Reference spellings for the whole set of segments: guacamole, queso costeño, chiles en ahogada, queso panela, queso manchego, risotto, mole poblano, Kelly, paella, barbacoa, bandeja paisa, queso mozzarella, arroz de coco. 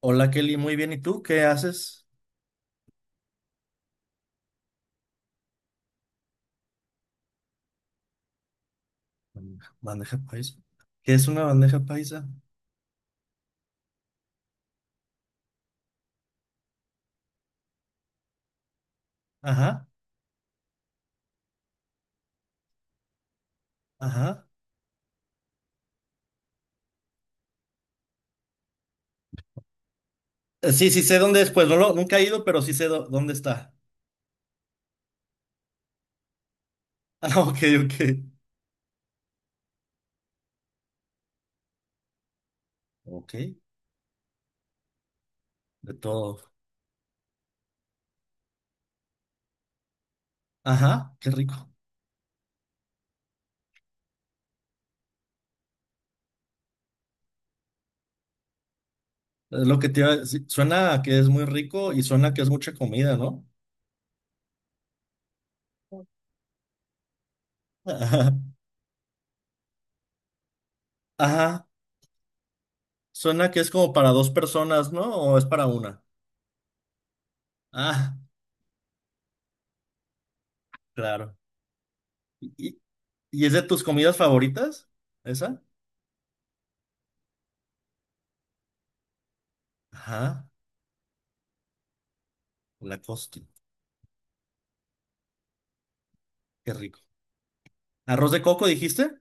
Hola Kelly, muy bien. ¿Y tú qué haces? Bandeja paisa. ¿Qué es una bandeja paisa? Ajá, ajá. Sí, sí sé dónde es, pues no nunca he ido, pero sí sé dónde está. Ah, ok, ok. Ok, de todo. Ajá, qué rico. Es lo que te iba a decir. Suena a que es muy rico y suena a que es mucha comida, ¿no? Ajá. Ajá. Suena que es como para dos personas, ¿no? ¿O es para una? Ah, claro. ¿Y, y y es de tus comidas favoritas? ¿Esa? Ajá, la costa. Qué rico. ¿Arroz de coco dijiste?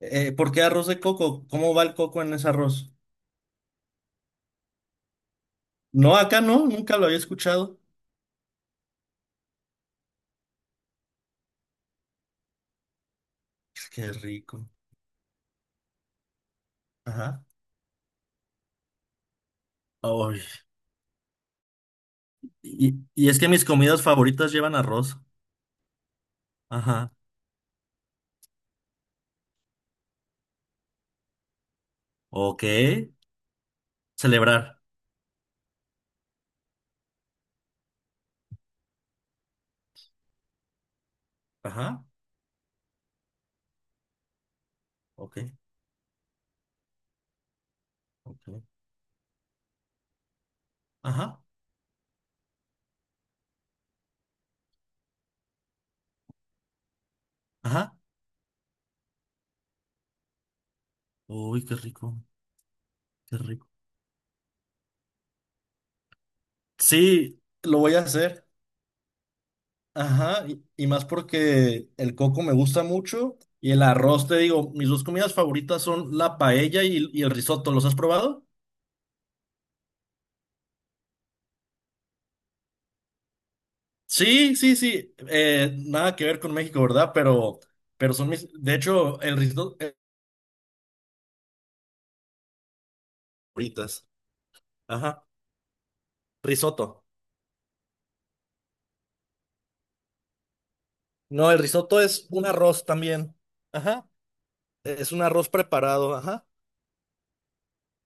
¿Por qué arroz de coco? ¿Cómo va el coco en ese arroz? No, acá no, nunca lo había escuchado. Qué rico. Ajá. Ay, y es que mis comidas favoritas llevan arroz. Ajá. Ok. Celebrar. Ajá. Ok. Ok. Ajá. Ajá. Uy, qué rico. Qué rico. Sí, lo voy a hacer. Ajá, y más porque el coco me gusta mucho y el arroz, te digo, mis dos comidas favoritas son la paella y el risotto. ¿Los has probado? Sí, sí, sí. Nada que ver con México, ¿verdad? Pero son mis, de hecho, el risotto. Favoritas. Ajá, risotto. No, el risotto es un arroz también. Ajá, es un arroz preparado, ajá.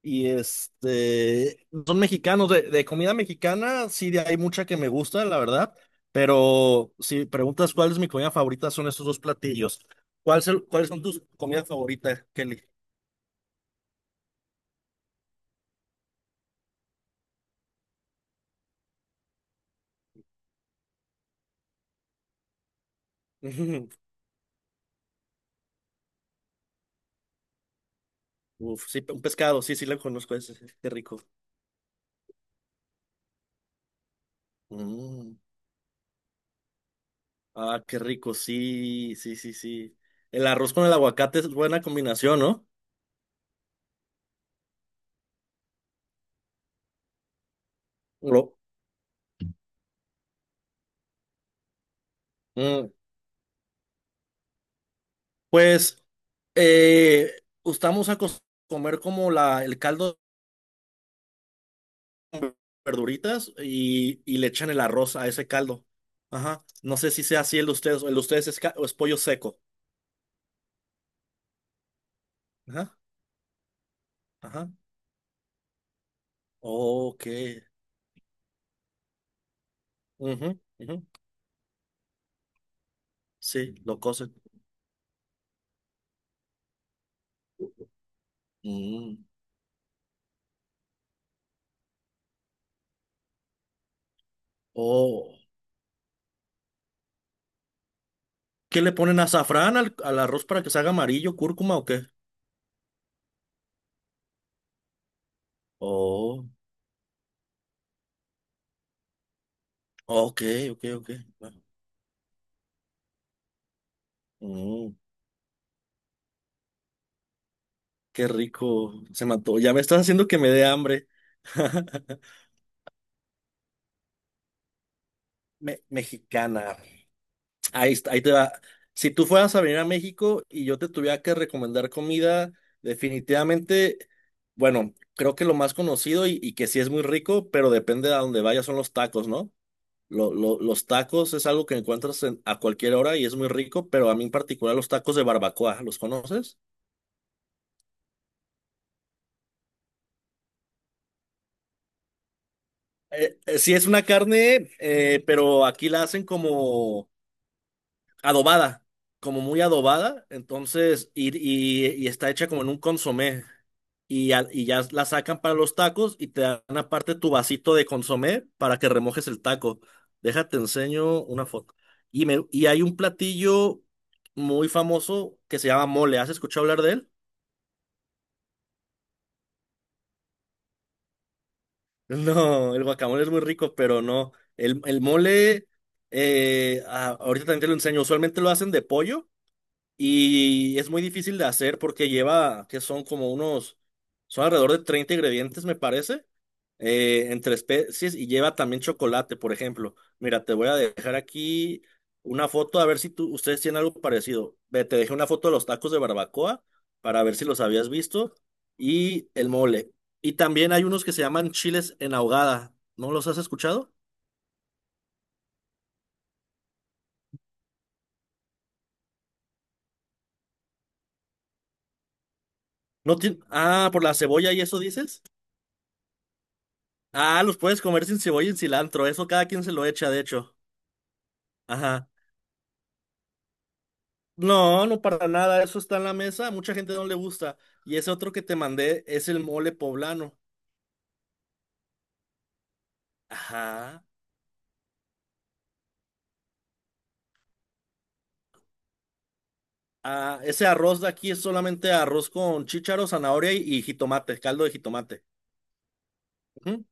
Y este, son mexicanos, de comida mexicana, sí, hay mucha que me gusta, la verdad, pero si preguntas cuál es mi comida favorita, son estos dos platillos. ¿Cuáles son tus comidas favoritas, Kelly? Uf, sí, un pescado, sí, sí, lo conozco, ese, sí, qué rico. Mm, ah, qué rico, sí, sí, sí, sí. El arroz con el aguacate es buena combinación, ¿no? Lo- mm, Pues, eh, estamos a comer como el caldo. Verduritas y le echan el arroz a ese caldo. Ajá. No sé si sea así el de ustedes. O el de ustedes es, o es pollo seco. Ajá. Ajá. Ok. Ujú, ujú. Sí, lo cocen. Mm. Oh. ¿Qué le ponen azafrán al arroz para que se haga amarillo, cúrcuma o qué? Oh. Ok, ok, ok. Mm, qué rico. Se mató. Ya me estás haciendo que me dé hambre. Mexicana. Ahí te va. Si tú fueras a venir a México y yo te tuviera que recomendar comida, definitivamente, bueno, creo que lo más conocido y que sí es muy rico, pero depende de a dónde vayas, son los tacos, ¿no? Los tacos es algo que encuentras a cualquier hora y es muy rico, pero a mí en particular los tacos de barbacoa, ¿los conoces? Sí, es una carne, pero aquí la hacen como... adobada, como muy adobada, entonces, y está hecha como en un consomé. Y ya la sacan para los tacos y te dan aparte tu vasito de consomé para que remojes el taco. Déjate, enseño una foto. Y hay un platillo muy famoso que se llama mole. ¿Has escuchado hablar de él? No, el guacamole es muy rico, pero no. El mole, ah, ahorita también te lo enseño. Usualmente lo hacen de pollo. Y es muy difícil de hacer porque lleva, que son como unos, son alrededor de 30 ingredientes, me parece, entre especies y lleva también chocolate, por ejemplo. Mira, te voy a dejar aquí una foto a ver si tú, ustedes tienen algo parecido. Ve, te dejé una foto de los tacos de barbacoa para ver si los habías visto y el mole. Y también hay unos que se llaman chiles en ahogada. ¿No los has escuchado? No tien- Ah, por la cebolla y eso dices. Ah, los puedes comer sin cebolla y cilantro. Eso cada quien se lo echa, de hecho. Ajá. No, no para nada. Eso está en la mesa. A mucha gente no le gusta. Y ese otro que te mandé es el mole poblano. Ajá. Ah, ese arroz de aquí es solamente arroz con chícharo, zanahoria y jitomate, caldo de jitomate. Ujú.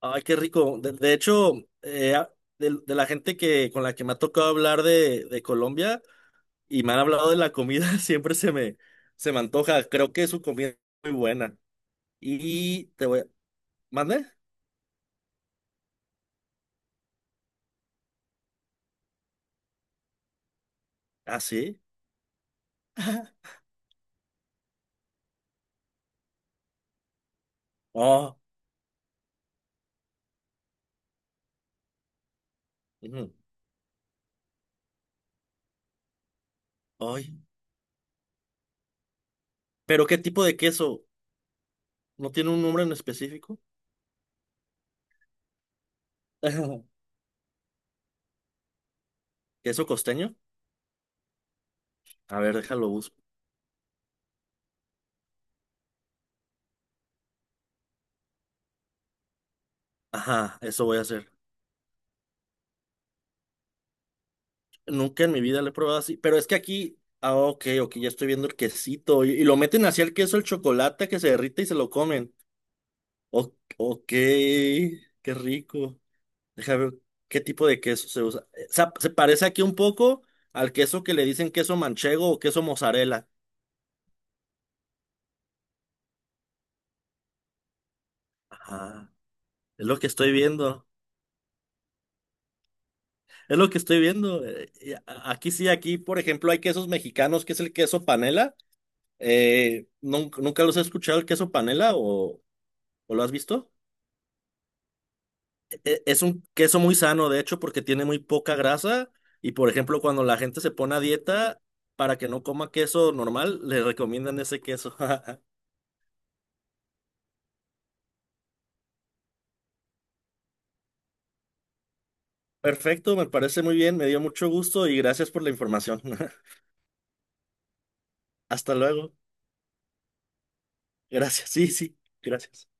Ay, qué rico. De hecho, de la gente que con la que me ha tocado hablar de Colombia y me han hablado de la comida, siempre se me antoja. Creo que su comida es muy buena. Y te voy, ¿Mande? Ah, sí. Oh, ujú. Ay. ¿Pero qué tipo de queso? ¿No tiene un nombre en específico? ¿Queso costeño? A ver, déjalo busco. Ajá, eso voy a hacer. Nunca en mi vida lo he probado así. Pero es que aquí. Ah, ok, ok, ya estoy viendo el quesito. Y lo meten hacia el queso, el chocolate que se derrite y se lo comen. O- ok, qué rico. Déjame ver qué tipo de queso se usa. Se parece aquí un poco al queso que le dicen queso manchego o queso mozzarella. Ajá. Es lo que estoy viendo. Es lo que estoy viendo. Aquí sí, aquí, por ejemplo, hay quesos mexicanos, que es el queso panela. ¿Nunca, los he escuchado el queso panela o lo has visto? Es un queso muy sano, de hecho, porque tiene muy poca grasa. Y, por ejemplo, cuando la gente se pone a dieta para que no coma queso normal, le recomiendan ese queso. Perfecto, me parece muy bien, me dio mucho gusto y gracias por la información. Hasta luego. Gracias, sí, sí, gracias.